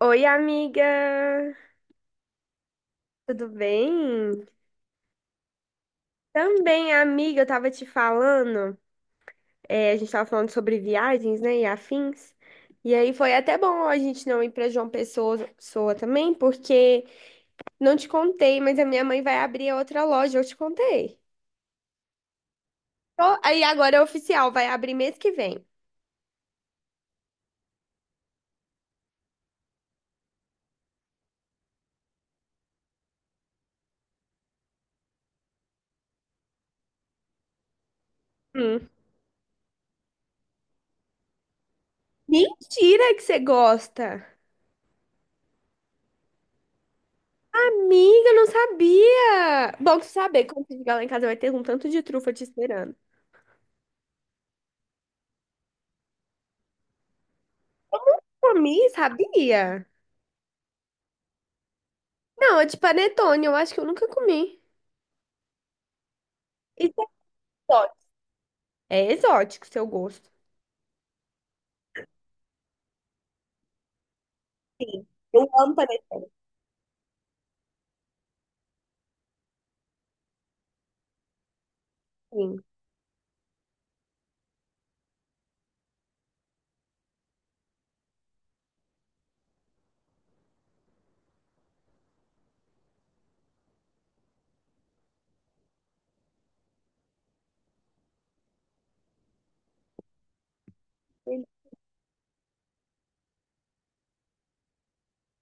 Oi, amiga! Tudo bem? Também, amiga, eu tava te falando, a gente tava falando sobre viagens, né, e afins. E aí foi até bom a gente não ir pra João Pessoa, Pessoa também, porque não te contei, mas a minha mãe vai abrir outra loja, eu te contei. Ó, aí agora é oficial, vai abrir mês que vem. Hum. Mentira que você gosta! Amiga, eu não sabia! Bom tu saber, quando você chegar lá em casa vai ter um tanto de trufa te esperando. Comi, sabia? Não, é de panetone, eu acho que eu nunca comi. Isso é exótico. É exótico, seu gosto. Eu amo panetone.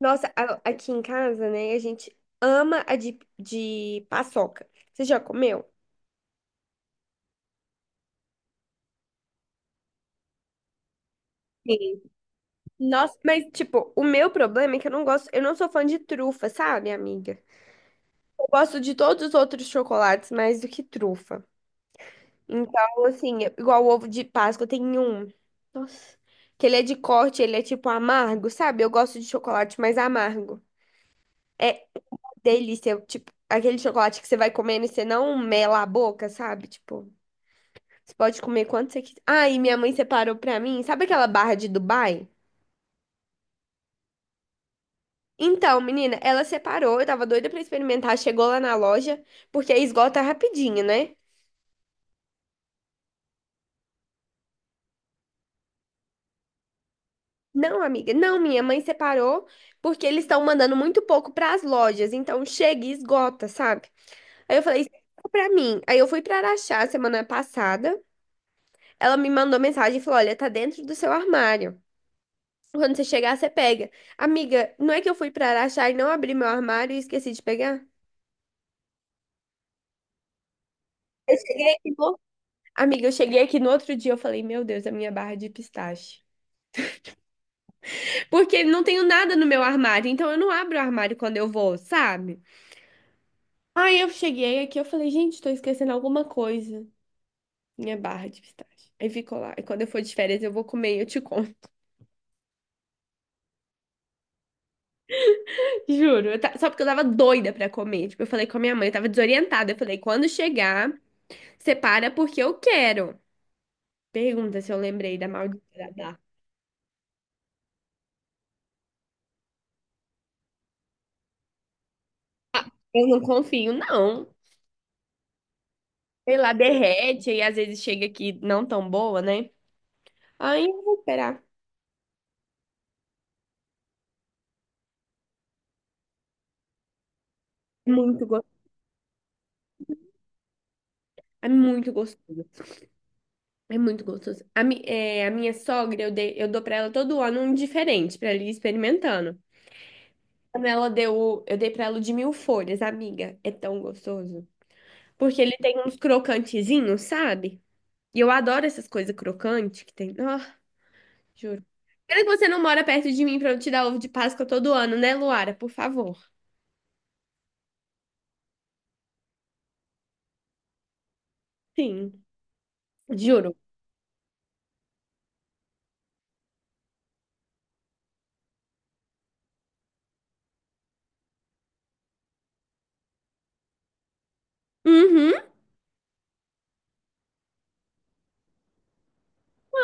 Nossa, aqui em casa, né, a gente ama a de paçoca. Você já comeu? Sim. Nossa, mas tipo, o meu problema é que eu não gosto, eu não sou fã de trufa, sabe, amiga? Eu gosto de todos os outros chocolates mais do que trufa. Então, assim, é igual o ovo de Páscoa, tem um. Nossa, que ele é de corte, ele é tipo amargo, sabe? Eu gosto de chocolate mais amargo. É, delícia. Tipo, aquele chocolate que você vai comendo e você não mela a boca, sabe? Tipo, você pode comer quanto você quiser. Ah, e minha mãe separou pra mim. Sabe aquela barra de Dubai? Então, menina, ela separou. Eu tava doida pra experimentar. Chegou lá na loja, porque aí esgota rapidinho, né? Não, amiga, não, minha mãe separou porque eles estão mandando muito pouco pras lojas, então chega e esgota, sabe? Aí eu falei, "Separa pra mim. Aí eu fui pra Araxá semana passada. Ela me mandou mensagem e falou: "Olha, tá dentro do seu armário". Quando você chegar, você pega. Amiga, não é que eu fui pra Araxá e não abri meu armário e esqueci de pegar? Eu cheguei aqui no... Amiga, eu cheguei aqui no outro dia, eu falei, meu Deus, a minha barra de pistache. Porque não tenho nada no meu armário, então eu não abro o armário quando eu vou, sabe? Aí eu cheguei aqui, eu falei, gente, tô esquecendo alguma coisa. Minha barra de pistache. Aí ficou lá. E quando eu for de férias, eu vou comer e eu te conto. Juro. Só porque eu tava doida pra comer. Tipo, eu falei com a minha mãe, eu tava desorientada. Eu falei, quando chegar, separa porque eu quero. Pergunta se eu lembrei da maldita da Dark. Eu não confio, não. Sei lá, derrete e às vezes chega aqui não tão boa, né? Aí eu vou esperar. É muito go... É muito gostoso. É muito gostoso. A minha sogra, eu dou pra ela todo ano um diferente, pra ela ir experimentando. Quando ela deu, o- Eu dei pra ela o de mil folhas, amiga. É tão gostoso. Porque ele tem uns crocantezinhos, sabe? E eu adoro essas coisas crocantes que tem. Ah, juro. Pena que você não mora perto de mim pra eu te dar ovo de Páscoa todo ano, né, Luara? Por favor. Sim, juro. Uhum.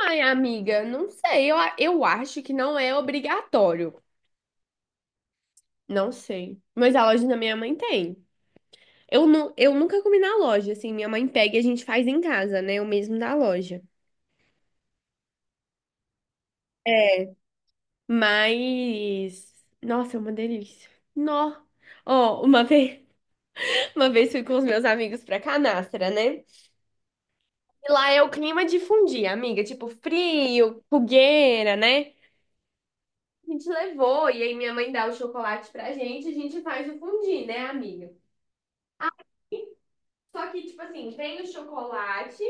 Ai, amiga, não sei. Eu acho que não é obrigatório. Não sei. Mas a loja da minha mãe tem. Eu nunca comi na loja, assim. Minha mãe pega e a gente faz em casa, né? O mesmo da loja. É. Mas. Nossa, é uma delícia. Nó. Ó, uma vez, uma vez fui com os meus amigos pra Canastra, né? E lá é o clima de fundir, amiga, tipo frio, fogueira, né? A gente levou, e aí minha mãe dá o chocolate pra gente, a gente faz o fundir, né, amiga? Ah, só que, tipo assim, vem o chocolate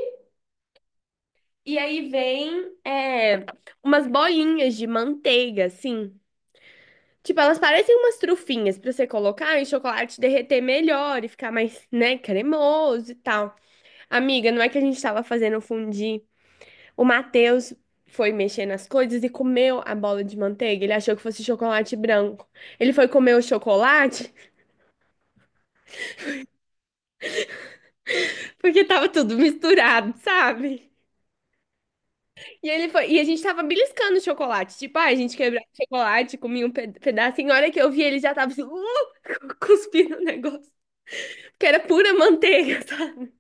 e aí vem umas bolinhas de manteiga, assim. Tipo, elas parecem umas trufinhas pra você colocar e o chocolate derreter melhor e ficar mais, né, cremoso e tal. Amiga, não é que a gente tava fazendo fundir. O Matheus foi mexer nas coisas e comeu a bola de manteiga. Ele achou que fosse chocolate branco. Ele foi comer o chocolate porque tava tudo misturado, sabe? E ele foi, e a gente tava beliscando o chocolate. Tipo, ah, a gente quebrava o chocolate, comia um pedaço. E na hora que eu vi, ele já tava assim, cuspindo o negócio. Porque era pura manteiga, sabe?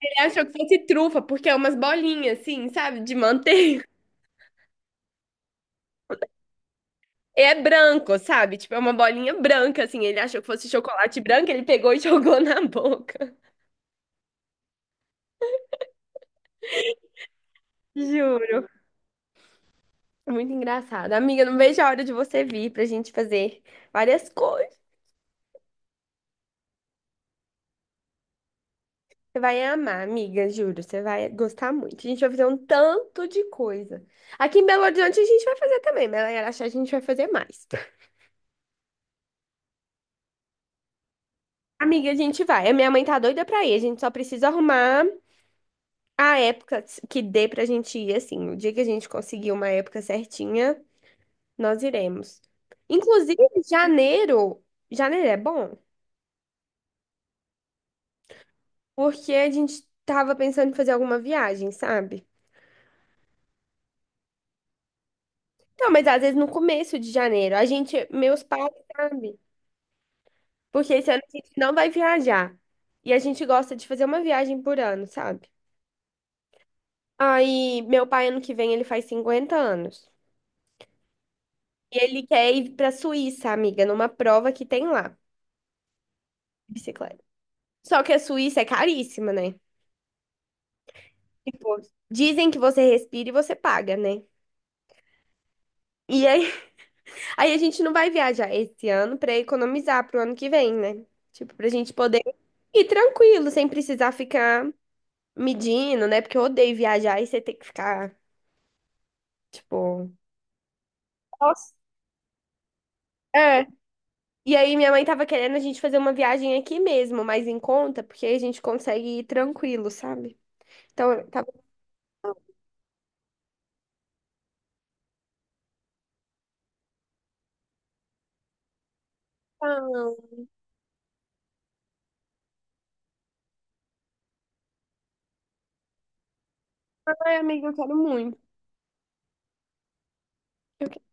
Ele achou que fosse trufa, porque é umas bolinhas, assim, sabe? De manteiga. É branco, sabe? Tipo, é uma bolinha branca, assim. Ele achou que fosse chocolate branco, ele pegou e jogou na boca. Juro. Muito engraçado. Amiga, não vejo a hora de você vir pra gente fazer várias coisas. Você vai amar, amiga, juro. Você vai gostar muito. A gente vai fazer um tanto de coisa. Aqui em Belo Horizonte a gente vai fazer também, mas lá em Araxá a gente vai fazer mais. Amiga, a gente vai. A minha mãe tá doida pra ir. A gente só precisa arrumar a época que dê pra gente ir, assim. O dia que a gente conseguir uma época certinha. Nós iremos. Inclusive, janeiro, janeiro é bom, porque a gente tava pensando em fazer alguma viagem, sabe? Então, mas às vezes no começo de janeiro, a gente, meus pais, sabe? Porque esse ano a gente não vai viajar. E a gente gosta de fazer uma viagem por ano, sabe? Aí, meu pai, ano que vem, ele faz 50 anos. E ele quer ir pra Suíça, amiga, numa prova que tem lá, de bicicleta. Só que a Suíça é caríssima, né? Tipo, dizem que você respira e você paga, né? E aí a gente não vai viajar esse ano pra economizar pro ano que vem, né? Tipo, pra gente poder ir tranquilo, sem precisar ficar medindo, né? Porque eu odeio viajar e você ter que ficar, tipo. Nossa. É. E aí minha mãe tava querendo a gente fazer uma viagem aqui mesmo, mais em conta, porque aí a gente consegue ir tranquilo, sabe? Então, eu tava. "Não, ai, amiga, eu quero muito. Eu quero-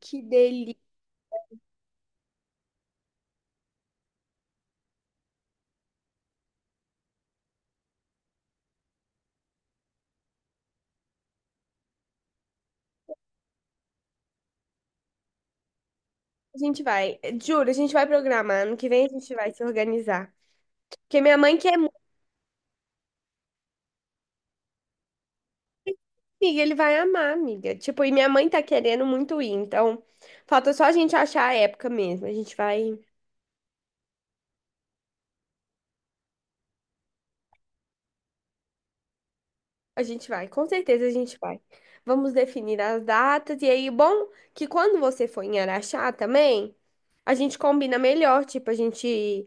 Que delícia. A gente vai, juro, a gente vai programar. Ano que vem a gente vai se organizar. Porque minha mãe quer Amiga, ele vai amar, amiga. Tipo, e minha mãe tá querendo muito ir, então falta só a gente achar a época mesmo. A gente vai, com certeza a gente vai. Vamos definir as datas e aí, bom, que quando você for em Araxá também, a gente combina melhor, tipo, a gente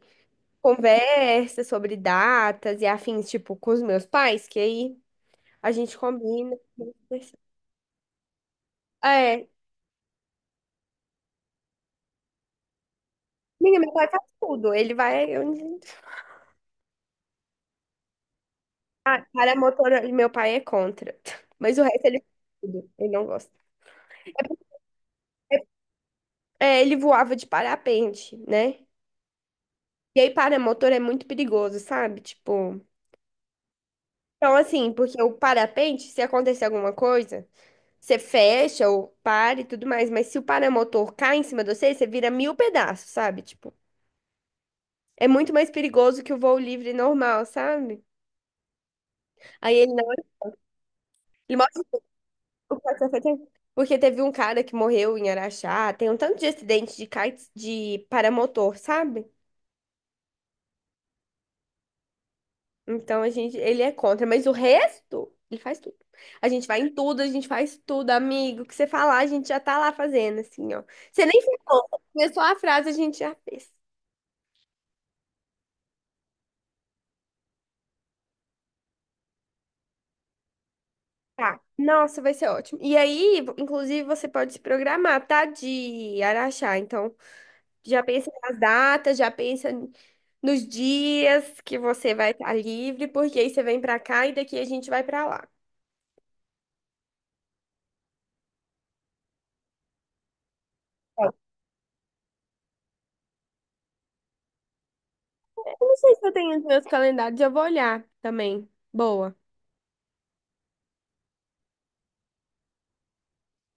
conversa sobre datas e afins, tipo, com os meus pais, que aí a gente combina. É, amiga, meu pai faz tudo, ele vai onde Para motor, meu pai é contra. Mas o resto ele tudo, ele não gosta. É, ele voava de parapente, né? E aí paramotor é muito perigoso, sabe? Tipo, então assim, porque o parapente, se acontecer alguma coisa, você fecha ou para e tudo mais, mas se o paramotor cai em cima de você, você vira mil pedaços, sabe? Tipo, é muito mais perigoso que o voo livre normal, sabe? Aí ele não, ele mostra o que aconteceu fez, porque teve um cara que morreu em Araxá, tem um tanto de acidente de kites de paramotor, sabe? Então a gente, ele é contra, mas o resto, ele faz tudo. A gente vai em tudo, a gente faz tudo, amigo. O que você falar, a gente já tá lá fazendo, assim, ó. Você nem falou, começou a frase, a gente já fez. Tá. Nossa, vai ser ótimo. E aí, inclusive, você pode se programar, tá? De Araxá. Então, já pensa nas datas, já pensa nos dias que você vai estar livre, porque aí você vem pra cá e daqui a gente vai pra lá. Tá. Eu não sei se eu tenho os meus calendários, eu vou olhar também. Boa.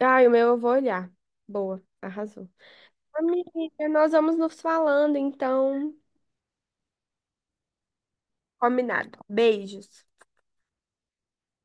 Ai, o meu eu vou olhar. Boa, arrasou. Amiga, nós vamos nos falando, então. Combinado. Beijos.